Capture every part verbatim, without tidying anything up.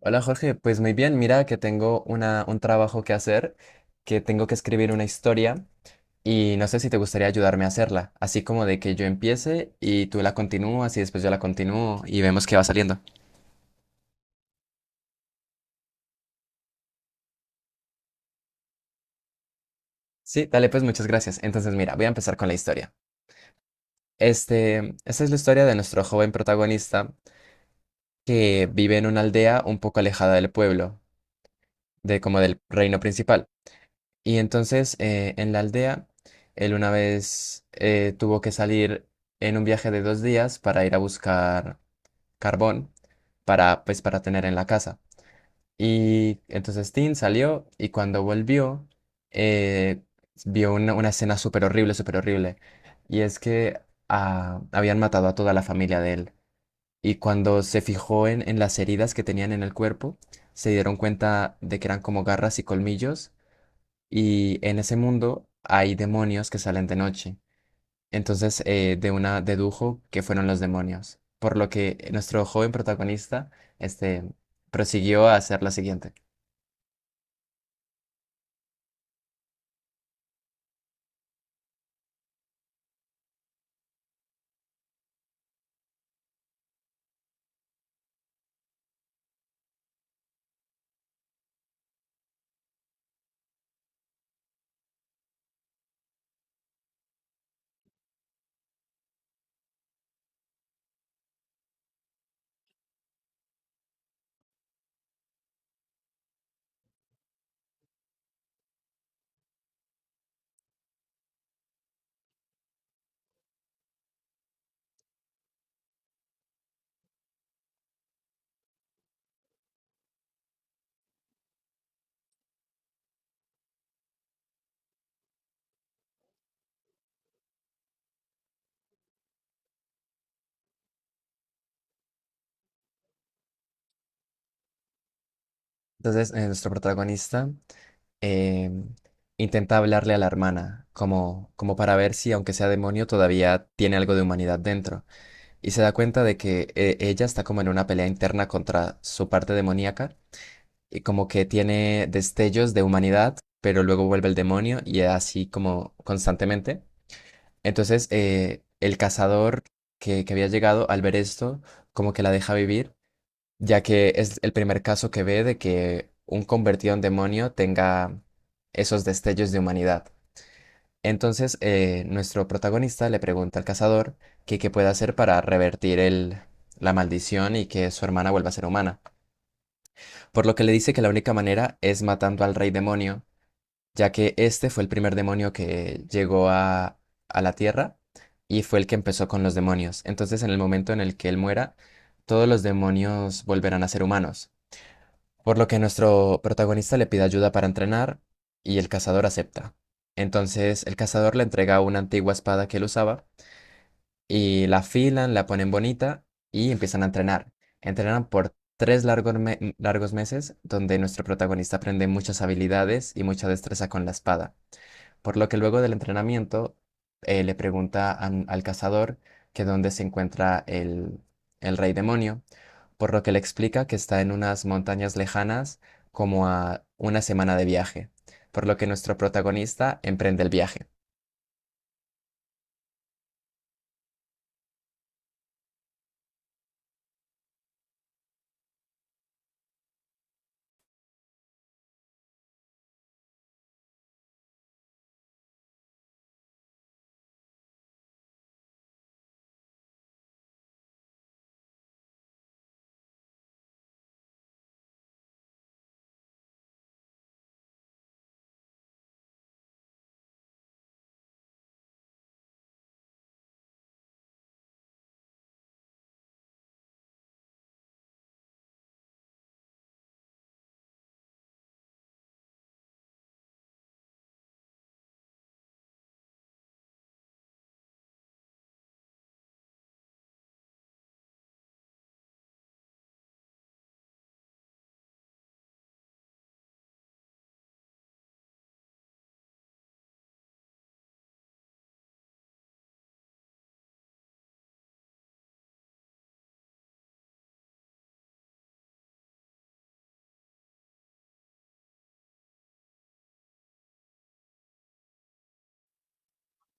Hola Jorge, pues muy bien, mira que tengo una, un trabajo que hacer, que tengo que escribir una historia y no sé si te gustaría ayudarme a hacerla, así como de que yo empiece y tú la continúas y después yo la continúo y vemos qué va saliendo. Sí, dale pues muchas gracias. Entonces mira, voy a empezar con la historia. Este, esta es la historia de nuestro joven protagonista que vive en una aldea un poco alejada del pueblo, de como del reino principal. Y entonces eh, en la aldea, él una vez eh, tuvo que salir en un viaje de dos días para ir a buscar carbón para, pues, para tener en la casa. Y entonces Tim salió y cuando volvió, eh, vio una, una escena súper horrible, súper horrible. Y es que ah, habían matado a toda la familia de él. Y cuando se fijó en, en las heridas que tenían en el cuerpo, se dieron cuenta de que eran como garras y colmillos, y en ese mundo hay demonios que salen de noche. Entonces, eh, de una dedujo que fueron los demonios. Por lo que eh, nuestro joven protagonista, este, prosiguió a hacer lo siguiente. Entonces, eh, nuestro protagonista eh, intenta hablarle a la hermana, como, como para ver si, aunque sea demonio, todavía tiene algo de humanidad dentro. Y se da cuenta de que eh, ella está como en una pelea interna contra su parte demoníaca y como que tiene destellos de humanidad, pero luego vuelve el demonio y así como constantemente. Entonces, eh, el cazador que, que había llegado, al ver esto, como que la deja vivir, ya que es el primer caso que ve de que un convertido en demonio tenga esos destellos de humanidad. Entonces, eh, nuestro protagonista le pregunta al cazador que qué puede hacer para revertir el, la maldición y que su hermana vuelva a ser humana, por lo que le dice que la única manera es matando al rey demonio, ya que este fue el primer demonio que llegó a, a la Tierra y fue el que empezó con los demonios. Entonces, en el momento en el que él muera, todos los demonios volverán a ser humanos, por lo que nuestro protagonista le pide ayuda para entrenar y el cazador acepta. Entonces, el cazador le entrega una antigua espada que él usaba, y la afilan, la ponen bonita y empiezan a entrenar. Entrenan por tres largos, me- largos meses, donde nuestro protagonista aprende muchas habilidades y mucha destreza con la espada, por lo que luego del entrenamiento eh, le pregunta an- al cazador que dónde se encuentra el, el rey demonio, por lo que le explica que está en unas montañas lejanas, como a una semana de viaje, por lo que nuestro protagonista emprende el viaje.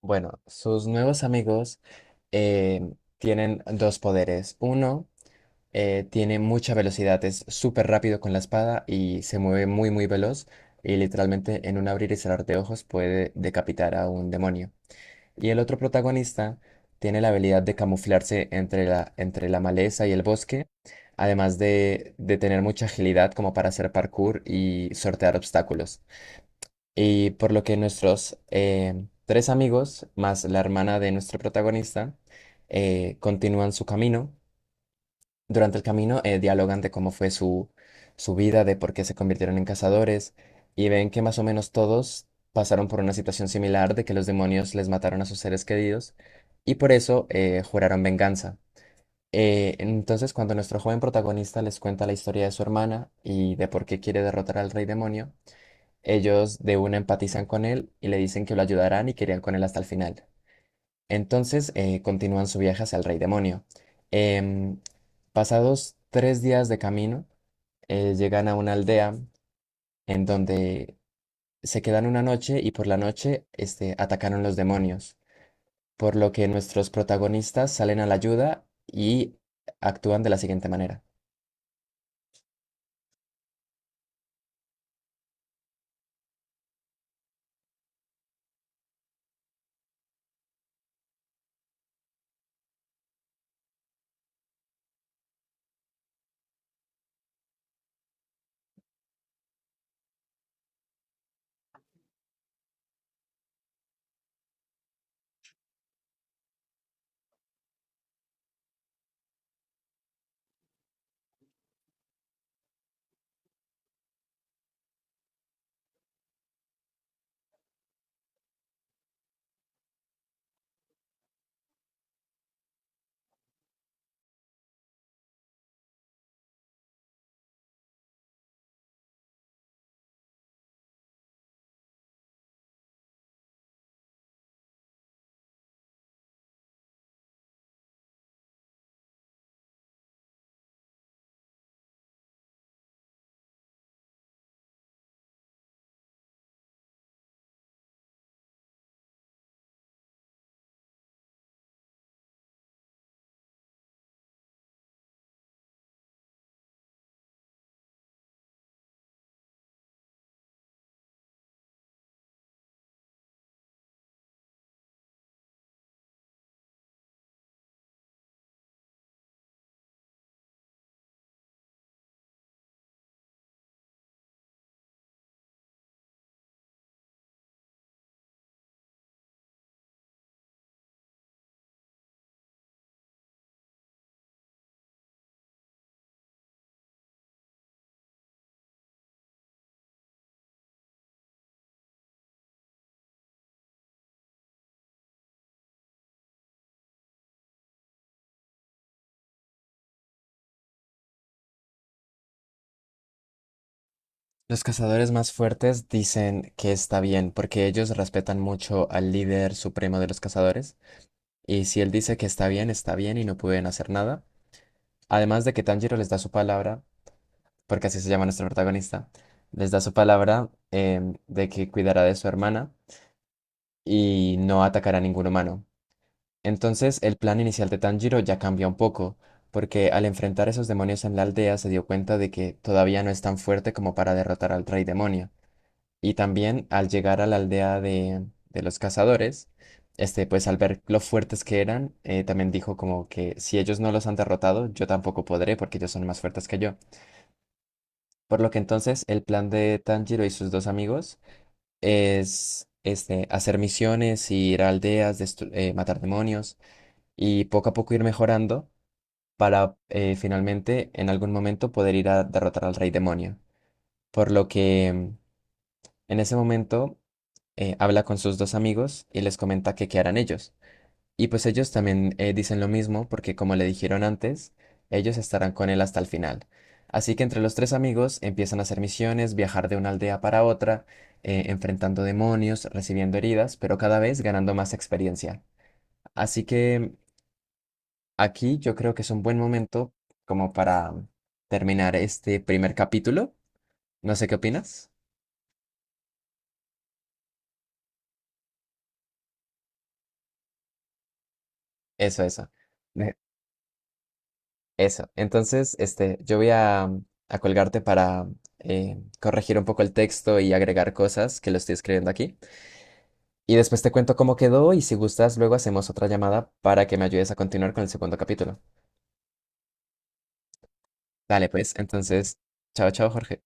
Bueno, sus nuevos amigos eh, tienen dos poderes. Uno Eh, tiene mucha velocidad, es súper rápido con la espada y se mueve muy muy veloz, y literalmente en un abrir y cerrar de ojos puede decapitar a un demonio. Y el otro protagonista tiene la habilidad de camuflarse entre la, entre la maleza y el bosque, además de, de tener mucha agilidad como para hacer parkour y sortear obstáculos. Y por lo que nuestros eh, tres amigos, más la hermana de nuestro protagonista, eh, continúan su camino. Durante el camino eh, dialogan de cómo fue su, su vida, de por qué se convirtieron en cazadores, y ven que más o menos todos pasaron por una situación similar de que los demonios les mataron a sus seres queridos, y por eso eh, juraron venganza. Eh, entonces, cuando nuestro joven protagonista les cuenta la historia de su hermana y de por qué quiere derrotar al rey demonio, ellos de una empatizan con él y le dicen que lo ayudarán y querían con él hasta el final. Entonces eh, continúan su viaje hacia el Rey Demonio. Em, pasados tres días de camino, eh, llegan a una aldea en donde se quedan una noche, y por la noche este, atacaron los demonios, por lo que nuestros protagonistas salen a la ayuda y actúan de la siguiente manera. Los cazadores más fuertes dicen que está bien porque ellos respetan mucho al líder supremo de los cazadores, y si él dice que está bien, está bien y no pueden hacer nada. Además de que Tanjiro les da su palabra, porque así se llama nuestra protagonista, les da su palabra em, de que cuidará de su hermana y no atacará a ningún humano. Entonces, el plan inicial de Tanjiro ya cambia un poco, porque al enfrentar esos demonios en la aldea se dio cuenta de que todavía no es tan fuerte como para derrotar al rey demonio. Y también al llegar a la aldea de, de los cazadores, este, pues al ver lo fuertes que eran, eh, también dijo como que si ellos no los han derrotado, yo tampoco podré porque ellos son más fuertes que yo. Por lo que entonces el plan de Tanjiro y sus dos amigos es este: hacer misiones, ir a aldeas, destru- eh, matar demonios y poco a poco ir mejorando, para eh, finalmente en algún momento poder ir a derrotar al rey demonio. Por lo que mm, en ese momento eh, habla con sus dos amigos y les comenta que qué harán ellos. Y pues ellos también eh, dicen lo mismo, porque como le dijeron antes, ellos estarán con él hasta el final. Así que entre los tres amigos empiezan a hacer misiones, viajar de una aldea para otra, eh, enfrentando demonios, recibiendo heridas, pero cada vez ganando más experiencia. Así que aquí yo creo que es un buen momento como para terminar este primer capítulo. No sé qué opinas. Eso, eso. Eso. Entonces, este, yo voy a, a colgarte para eh, corregir un poco el texto y agregar cosas que lo estoy escribiendo aquí. Y después te cuento cómo quedó, y si gustas, luego hacemos otra llamada para que me ayudes a continuar con el segundo capítulo. Dale, pues, entonces, chao, chao, Jorge.